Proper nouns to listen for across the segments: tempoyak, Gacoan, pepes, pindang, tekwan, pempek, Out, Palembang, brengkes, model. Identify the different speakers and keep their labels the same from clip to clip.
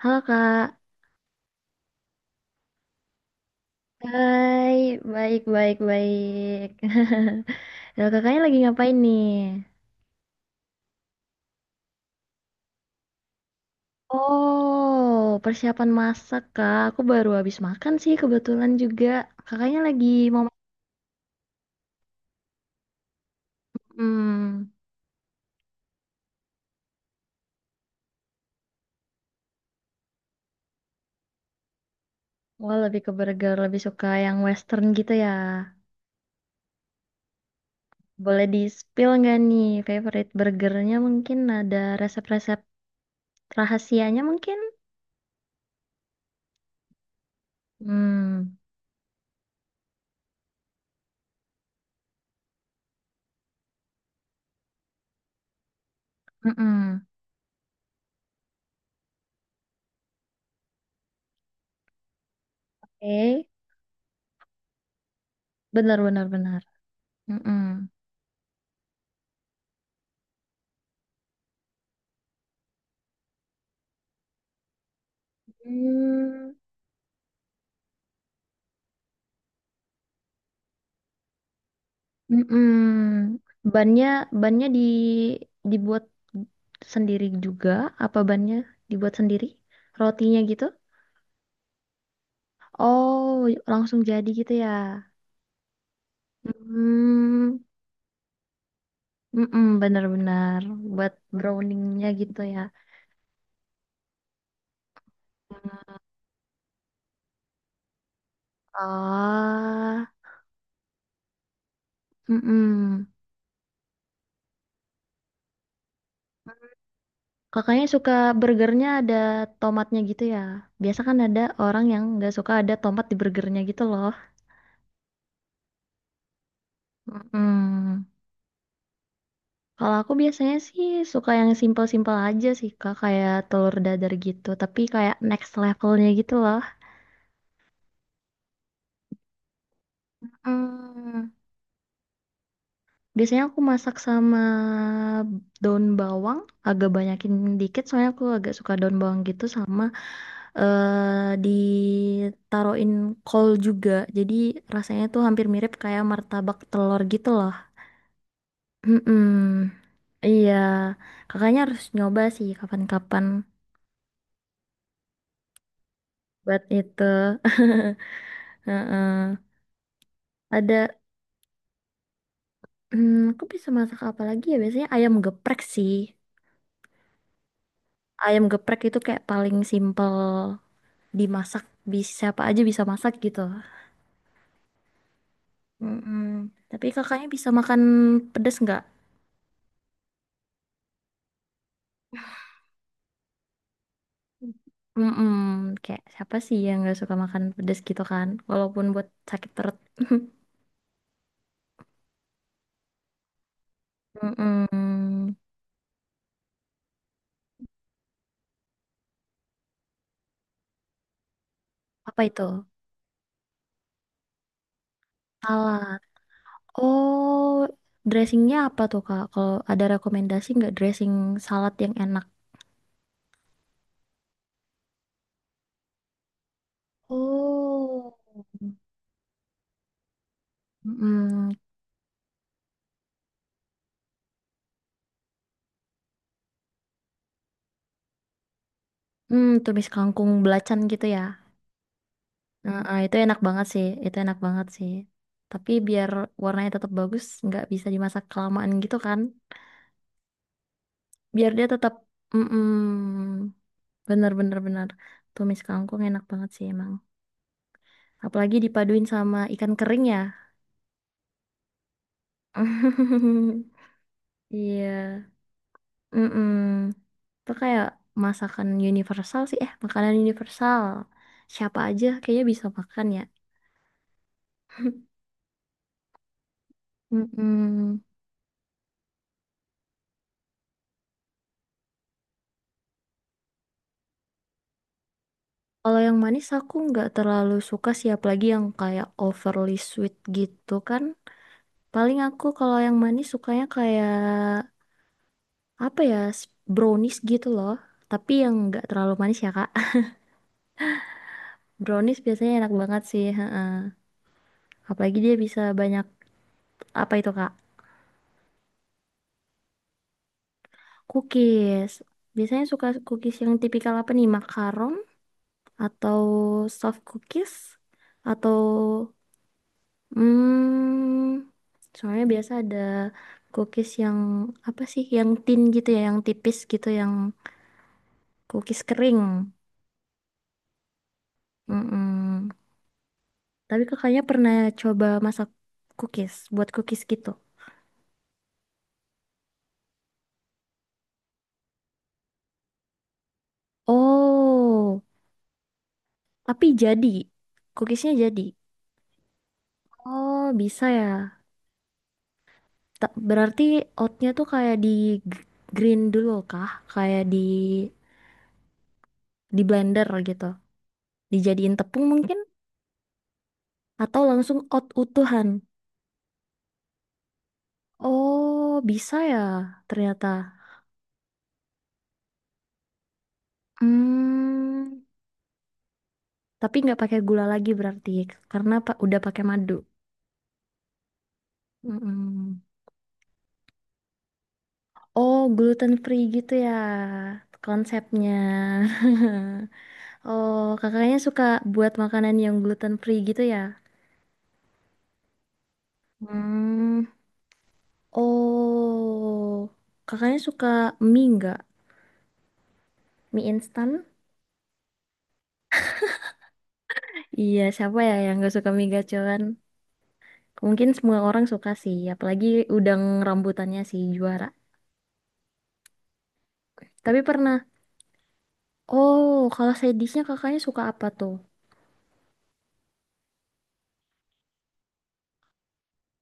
Speaker 1: Halo Kak, hai, baik, baik, baik. Halo, kakaknya lagi ngapain nih? Oh, persiapan masak Kak. Aku baru habis makan sih kebetulan juga. Kakaknya lagi mau. hmm, Wah, lebih ke burger, lebih suka yang western gitu ya. Boleh di-spill nggak nih favorite burgernya, mungkin ada resep-resep rahasianya mungkin? Hmm. Mm-mm. Oke. Benar, benar, benar. Mm-mm. Hmm. Mm-mm. Bannya bannya dibuat sendiri juga, apa bannya dibuat sendiri? Rotinya gitu? Oh, langsung jadi gitu ya. Hmm, mm-mm, benar-benar buat browningnya gitu ya. Ah. Mm-mm. Kakaknya suka burgernya ada tomatnya gitu ya. Biasa kan ada orang yang nggak suka ada tomat di burgernya gitu loh. Mm-mm. Kalau aku biasanya sih suka yang simple-simple aja sih Kak, kayak telur dadar gitu, tapi kayak next levelnya gitu loh. Hmm, Biasanya aku masak sama daun bawang, agak banyakin dikit soalnya aku agak suka daun bawang gitu, sama ditaruhin kol juga. Jadi rasanya tuh hampir mirip kayak martabak telur gitu loh. Mm-mm. Iya, kakaknya harus nyoba sih kapan-kapan buat itu. Heeh. Ada. Aku bisa masak apa lagi ya? Biasanya ayam geprek sih. Ayam geprek itu kayak paling simple dimasak. Bisa, siapa aja bisa masak gitu. Mm-mm. Tapi kakaknya bisa makan pedas nggak? Mm-mm. Kayak siapa sih yang nggak suka makan pedas gitu kan? Walaupun buat sakit perut. Mm-mm. Apa itu? Salad. Oh, dressingnya apa tuh Kak? Kalau ada rekomendasi nggak dressing salad yang enak? Oh. Mm-mm. Tumis kangkung belacan gitu ya. Nah, ah, itu enak banget sih. Itu enak banget sih. Tapi biar warnanya tetap bagus, nggak bisa dimasak kelamaan gitu kan. Biar dia tetap, mm bener bener bener. Tumis kangkung enak banget sih emang. Apalagi dipaduin sama ikan kering ya. Iya. Mm-mm. Itu kayak masakan universal sih. Eh, makanan universal. Siapa aja kayaknya bisa makan ya. Mm-mm. Kalau yang manis aku nggak terlalu suka sih, apalagi yang kayak overly sweet gitu kan. Paling aku kalau yang manis sukanya kayak apa ya, brownies gitu loh. Tapi yang nggak terlalu manis ya Kak. Brownies biasanya enak banget sih, heeh. Apalagi dia bisa banyak, apa itu Kak? Cookies. Biasanya suka cookies yang tipikal apa nih? Makaron, atau soft cookies, atau Hmm, soalnya biasa ada cookies yang apa sih, yang thin gitu ya, yang tipis gitu, yang cookies kering. Mm-mm. Tapi kakaknya pernah coba masak cookies, buat cookies gitu. Oh, tapi jadi, cookiesnya jadi. Oh, bisa ya. Berarti oatnya tuh kayak di g- green dulu kah? Kayak di blender gitu. Dijadiin tepung mungkin? Atau langsung oat utuhan? Oh, bisa ya ternyata. Hmm, tapi nggak pakai gula lagi berarti, karena udah pakai madu. Mm-mm. Oh, gluten free gitu ya konsepnya. Oh, kakaknya suka buat makanan yang gluten free gitu ya? Hmm, oh, kakaknya suka mie nggak? Mie instan? Iya, siapa ya yang gak suka mie gacoan? Mungkin semua orang suka sih, apalagi udang rambutannya sih juara. Tapi pernah. Oh, kalau sedisnya kakaknya suka apa tuh?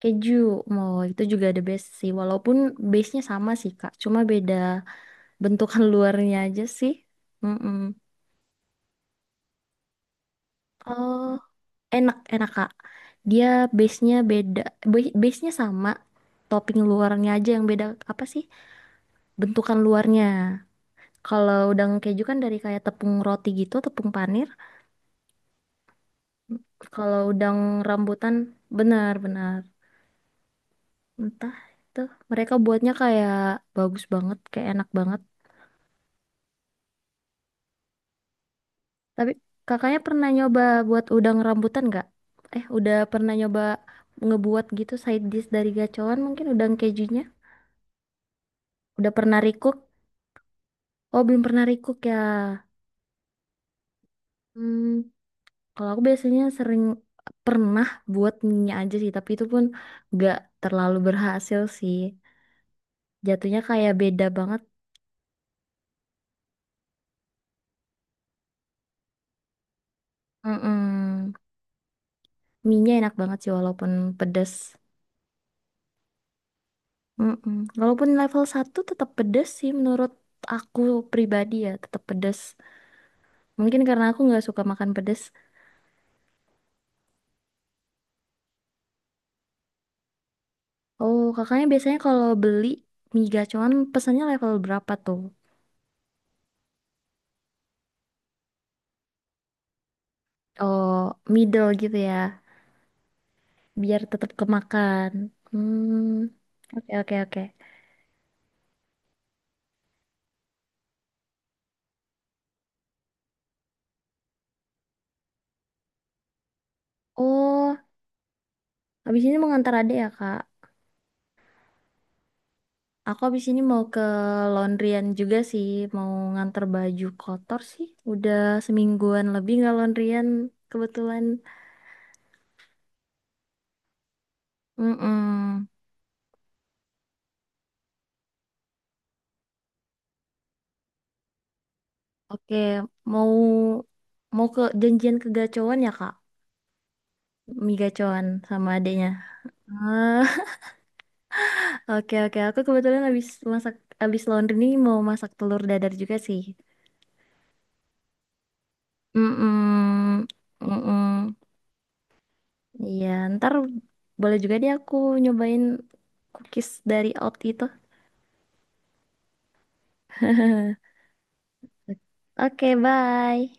Speaker 1: Keju. Mau itu juga ada base sih. Walaupun base-nya sama sih, Kak. Cuma beda bentukan luarnya aja sih. Mm-mm. Oh, enak, enak, Kak. Dia base-nya beda. Base-nya sama. Topping luarnya aja yang beda, apa sih? Bentukan luarnya. Kalau udang keju kan dari kayak tepung roti gitu, tepung panir. Kalau udang rambutan, benar-benar. Entah itu mereka buatnya kayak bagus banget, kayak enak banget. Tapi kakaknya pernah nyoba buat udang rambutan nggak? Udah pernah nyoba ngebuat gitu side dish dari gacoan, mungkin udang kejunya? Udah pernah recook? Oh, belum pernah recook ya. Hmm, Kalau aku biasanya sering pernah buat mie aja sih, tapi itu pun nggak terlalu berhasil sih. Jatuhnya kayak beda banget. Mm-mm. Mie-nya enak banget sih walaupun pedas. Mm-mm. Walaupun level 1 tetap pedes sih menurut aku pribadi ya, tetap pedes. Mungkin karena aku nggak suka makan pedes. Oh, kakaknya biasanya kalau beli mie gacoan pesannya level berapa tuh? Oh, middle gitu ya, biar tetap kemakan. Hmm, oke, oke, oke. Oh, habis ini mau ngantar adek ya, Kak? Aku habis ini mau ke laundryan juga sih, mau ngantar baju kotor sih. Udah semingguan lebih nggak laundryan kebetulan. Mm-mm. Oke, mau mau ke janjian ke Gacoan ya, Kak? Mie Gacoan sama adiknya. Ah, oke, oke. Aku kebetulan habis masak, habis laundry nih mau masak telur dadar juga sih. Mm-mm. Mm-mm. Iya, ntar boleh juga deh aku nyobain cookies dari Out itu. Oke, bye.